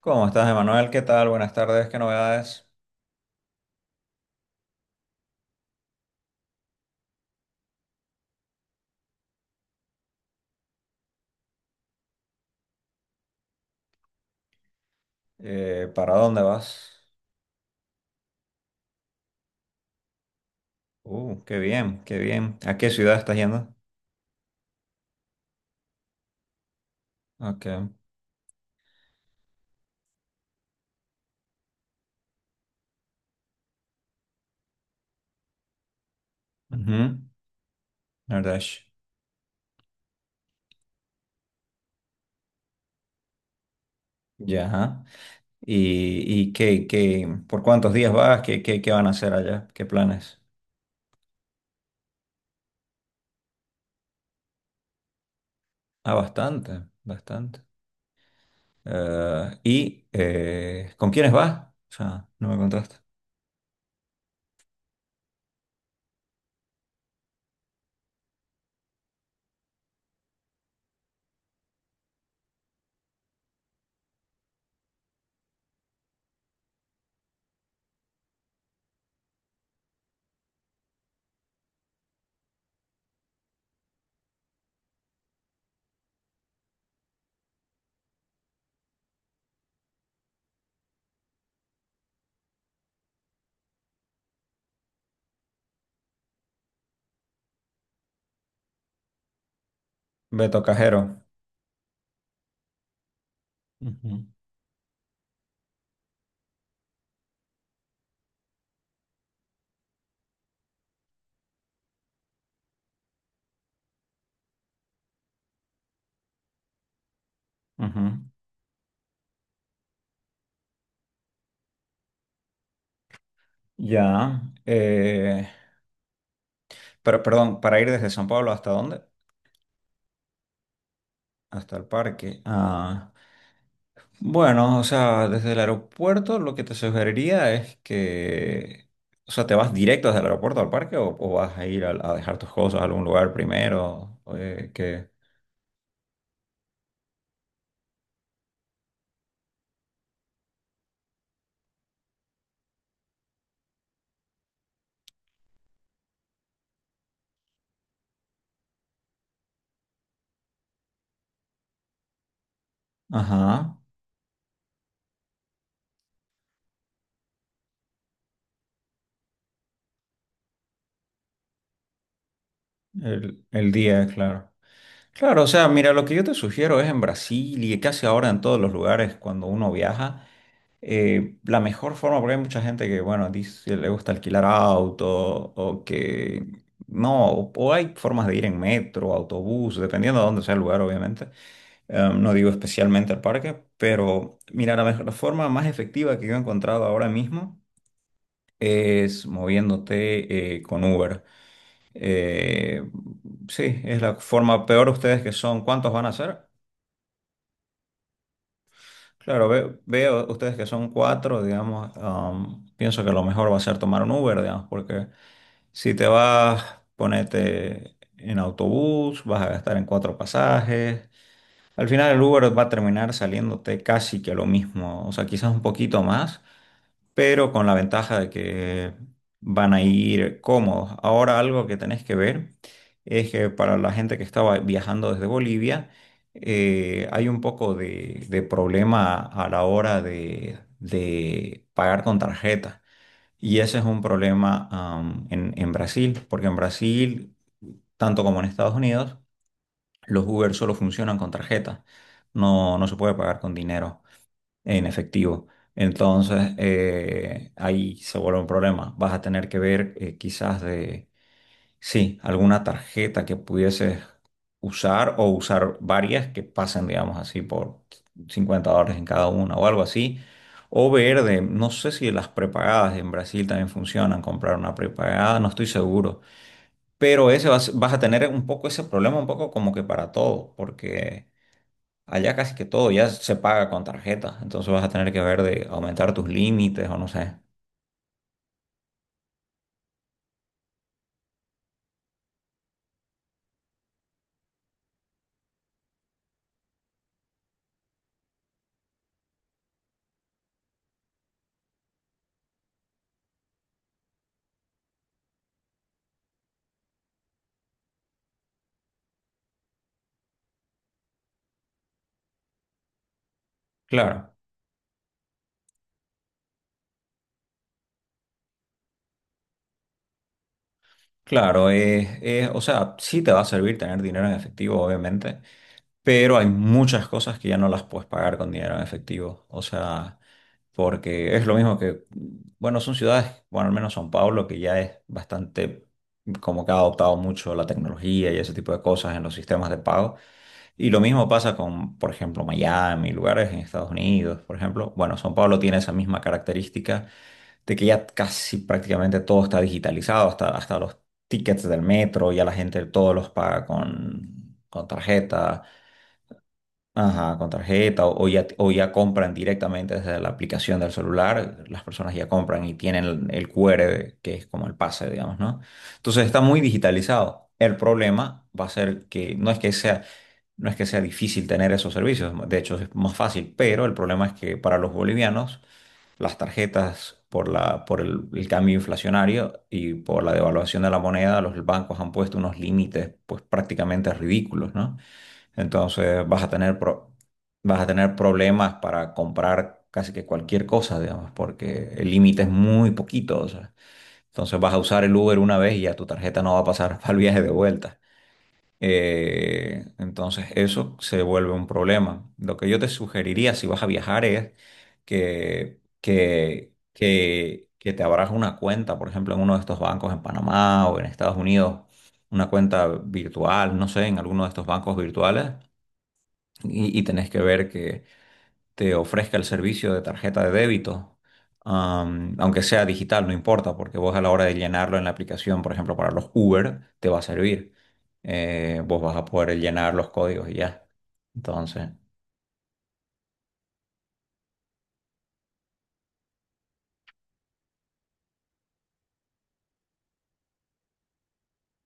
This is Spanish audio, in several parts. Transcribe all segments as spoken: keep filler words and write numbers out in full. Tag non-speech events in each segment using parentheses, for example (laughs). ¿Cómo estás, Emanuel? ¿Qué tal? Buenas tardes, ¿qué novedades? Eh, ¿para dónde vas? Uh, qué bien, qué bien. ¿A qué ciudad estás yendo? Ok. Ujú. Ardèche. Ya. Ajá. ¿Y, y qué, qué, por cuántos días vas? ¿Qué, qué, qué van a hacer allá? ¿Qué planes? Ah, bastante, bastante. Eh, ¿y eh, con quiénes vas? O sea, no me contaste. Beto Cajero. Ujú, ujú. Ya. Eh, pero, perdón, ¿para ir desde San Pablo hasta dónde? Hasta el parque. Ah, bueno, o sea, desde el aeropuerto lo que te sugeriría es que, o sea, ¿te vas directo desde el aeropuerto al parque o, o, vas a ir al- a, dejar tus cosas a algún lugar primero? Eh, que, ajá, el, el día, claro. Claro, o sea, mira, lo que yo te sugiero es en Brasil y casi ahora en todos los lugares cuando uno viaja. Eh, la mejor forma, porque hay mucha gente que, bueno, dice, le gusta alquilar auto o que no, o, o hay formas de ir en metro, autobús, dependiendo de dónde sea el lugar, obviamente. Em, no digo especialmente al parque, pero mira, la mejor, la forma más efectiva que yo he encontrado ahora mismo es moviéndote eh, con Uber. Eh, sí, es la forma peor ustedes que son. ¿Cuántos van a ser? Claro, ve- veo ustedes que son cuatro, digamos, am, pienso que lo mejor va a ser tomar un Uber, digamos, porque si te vas, ponete en autobús, vas a gastar en cuatro pasajes. Al final el Uber va a terminar saliéndote casi que lo mismo, o sea, quizás un poquito más, pero con la ventaja de que van a ir cómodos. Ahora algo que tenés que ver es que para la gente que estaba viajando desde Bolivia, eh, hay un poco de, de problema a la hora de, de pagar con tarjeta. Y ese es un problema, am, en, en Brasil, porque en Brasil, tanto como en Estados Unidos, los Uber solo funcionan con tarjeta. No, no se puede pagar con dinero en efectivo. Entonces, eh, ahí se vuelve un problema. Vas a tener que ver eh, quizás de, sí, alguna tarjeta que pudieses usar o usar varias que pasen, digamos así, por cincuenta dólares en cada una o algo así. O ver de, no sé si las prepagadas en Brasil también funcionan, comprar una prepagada, no estoy seguro. Pero ese vas, vas a tener un poco ese problema, un poco como que para todo, porque allá casi que todo ya se paga con tarjeta, entonces vas a tener que ver de aumentar tus límites o no sé. Claro, claro, es, es- o sea, sí te va a servir tener dinero en efectivo, obviamente, pero hay muchas cosas que ya no las puedes pagar con dinero en efectivo, o sea, porque es lo mismo que, bueno, son ciudades, bueno, al menos São Paulo, que ya es bastante, como que ha adoptado mucho la tecnología y ese tipo de cosas en los sistemas de pago. Y lo mismo pasa con, por ejemplo, Miami, lugares en Estados Unidos, por ejemplo. Bueno, São Paulo tiene esa misma característica de que ya casi prácticamente todo está digitalizado, hasta, hasta los tickets del metro, ya la gente todos los paga con, con tarjeta, ajá, con tarjeta, o, o ya, o ya compran directamente desde la aplicación del celular, las personas ya compran y tienen el, el Q R, que es como el pase, digamos, ¿no? Entonces está muy digitalizado. El problema va a ser que no es que sea no es que sea difícil tener esos servicios, de hecho es más fácil, pero el problema es que para los bolivianos las tarjetas por la, por el, el cambio inflacionario y por la devaluación de la moneda, los bancos han puesto unos límites pues prácticamente ridículos, ¿no? Entonces vas a tener, pro- vas a tener problemas para comprar casi que cualquier cosa, digamos, porque el límite es muy poquito, o sea, entonces vas a usar el Uber una vez y ya tu tarjeta no va a pasar (laughs) al viaje de vuelta. Eh, entonces eso se vuelve un problema. Lo que yo te sugeriría si vas a viajar es que, que, que, que te abras una cuenta, por ejemplo, en uno de estos bancos en Panamá o en Estados Unidos, una cuenta virtual, no sé, en alguno de estos bancos virtuales y, y tenés que ver que te ofrezca el servicio de tarjeta de débito, am, aunque sea digital, no importa, porque vos a la hora de llenarlo en la aplicación, por ejemplo, para los Uber, te va a servir. Eh, vos vas a poder llenar los códigos y ya. Entonces,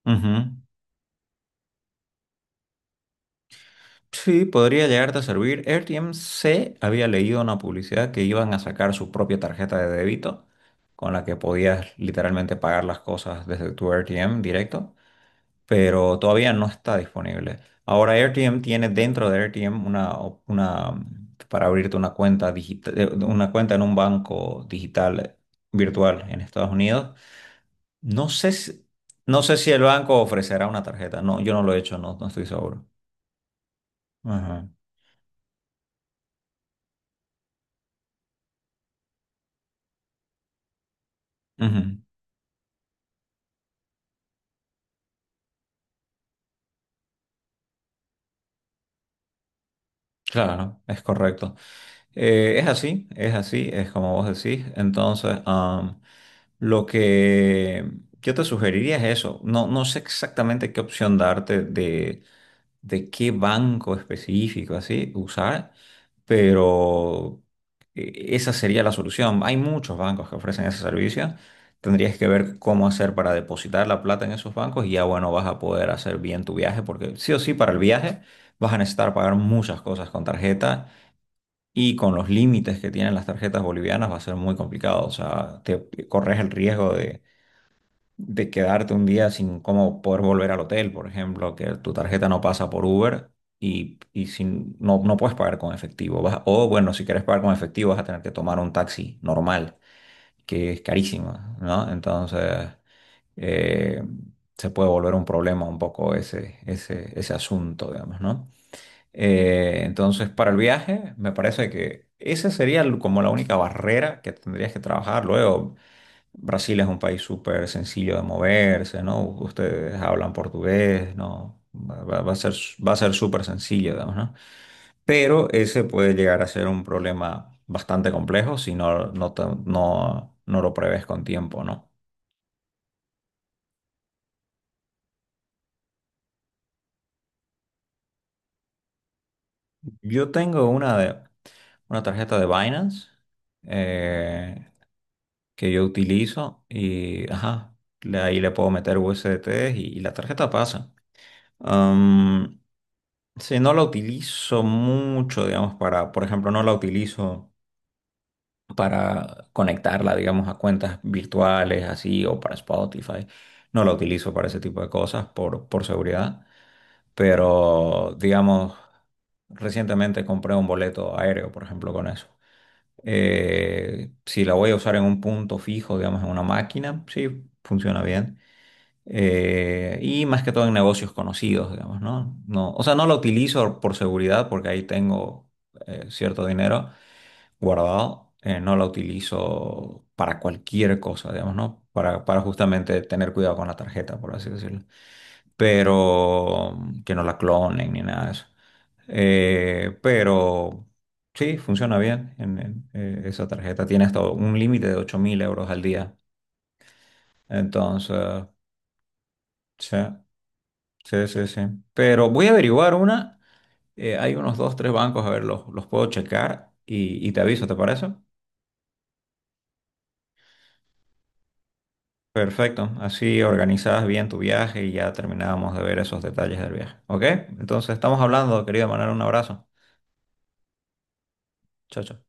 ujú. Sí, podría llegarte a servir. AirTM se había leído una publicidad que iban a sacar su propia tarjeta de débito con la que podías literalmente pagar las cosas desde tu R T M directo. Pero todavía no está disponible. Ahora AirTM tiene dentro de AirTM una, op- una para abrirte una cuenta digital, una cuenta en un banco digital virtual en Estados Unidos. No sé si, no sé si el banco ofrecerá una tarjeta. No, yo no lo he hecho, no, no estoy seguro. Ajá. Ujú. Claro, es correcto. Eh, es así, es así, es como vos decís. Entonces, am, lo que yo te sugeriría es eso. No, no sé exactamente qué opción darte de, de qué banco específico así usar, pero eh, esa sería la solución. Hay muchos bancos que ofrecen ese servicio. Tendrías que ver cómo hacer para depositar la plata en esos bancos y ya bueno, vas a poder hacer bien tu viaje porque sí o sí para el viaje vas a necesitar pagar muchas cosas con tarjeta y con los límites que tienen las tarjetas bolivianas va a ser muy complicado. O sea, te corres el riesgo de quedarte un día sin cómo poder volver al hotel, por ejemplo, que tu tarjeta no pasa por Uber y, y sin- no, no puedes pagar con efectivo. Vas- o bueno, si quieres pagar con efectivo vas a tener que tomar un taxi normal, que es carísimo, ¿no? Entonces, eh, se puede volver un problema un poco ese, ese, ese asunto, digamos, ¿no? Eh, entonces, para el viaje, me parece que esa sería l- como la única barrera que tendrías que trabajar luego. Brasil es un país súper sencillo de moverse, ¿no? Ustedes hablan portugués, ¿no? Va, va- va a ser, va a ser súper sencillo, digamos, ¿no? Pero ese puede llegar a ser un problema bastante complejo si no, no, te- no, no lo prevés con tiempo, ¿no? Yo tengo una, de, una tarjeta de Binance eh, que yo utilizo y, ajá, le- ahí le puedo meter U S D T y, y la tarjeta pasa. Sí, no la utilizo mucho, digamos, para, por ejemplo, no la utilizo para conectarla, digamos, a cuentas virtuales, así, o para Spotify. No la utilizo para ese tipo de cosas por, por seguridad. Pero, digamos, recientemente compré un boleto aéreo, por ejemplo, con eso. Eh, si la voy a usar en un punto fijo, digamos, en una máquina, sí, funciona bien. Eh, y más que todo en negocios conocidos, digamos, ¿no? No, o sea, no lo utilizo por seguridad porque ahí tengo eh, cierto dinero guardado. Eh, no lo utilizo para cualquier cosa, digamos, ¿no? Para, para justamente tener cuidado con la tarjeta, por así decirlo. Pero mm, que no la clonen ni nada de eso. Eh, pero sí, funciona bien. En- en, eh, esa tarjeta tiene hasta un límite de ocho mil euros al día. Entonces, sí. Sí, sí, sí. Pero voy a averiguar una. Eh, hay unos dos, tres bancos, a ver, los, los puedo checar y, y te aviso, ¿te parece? Perfecto. Así organizas bien tu viaje y ya terminábamos de ver esos detalles del viaje. ¿Ok? Entonces estamos hablando, querido Manuel, un abrazo. Chao, chao.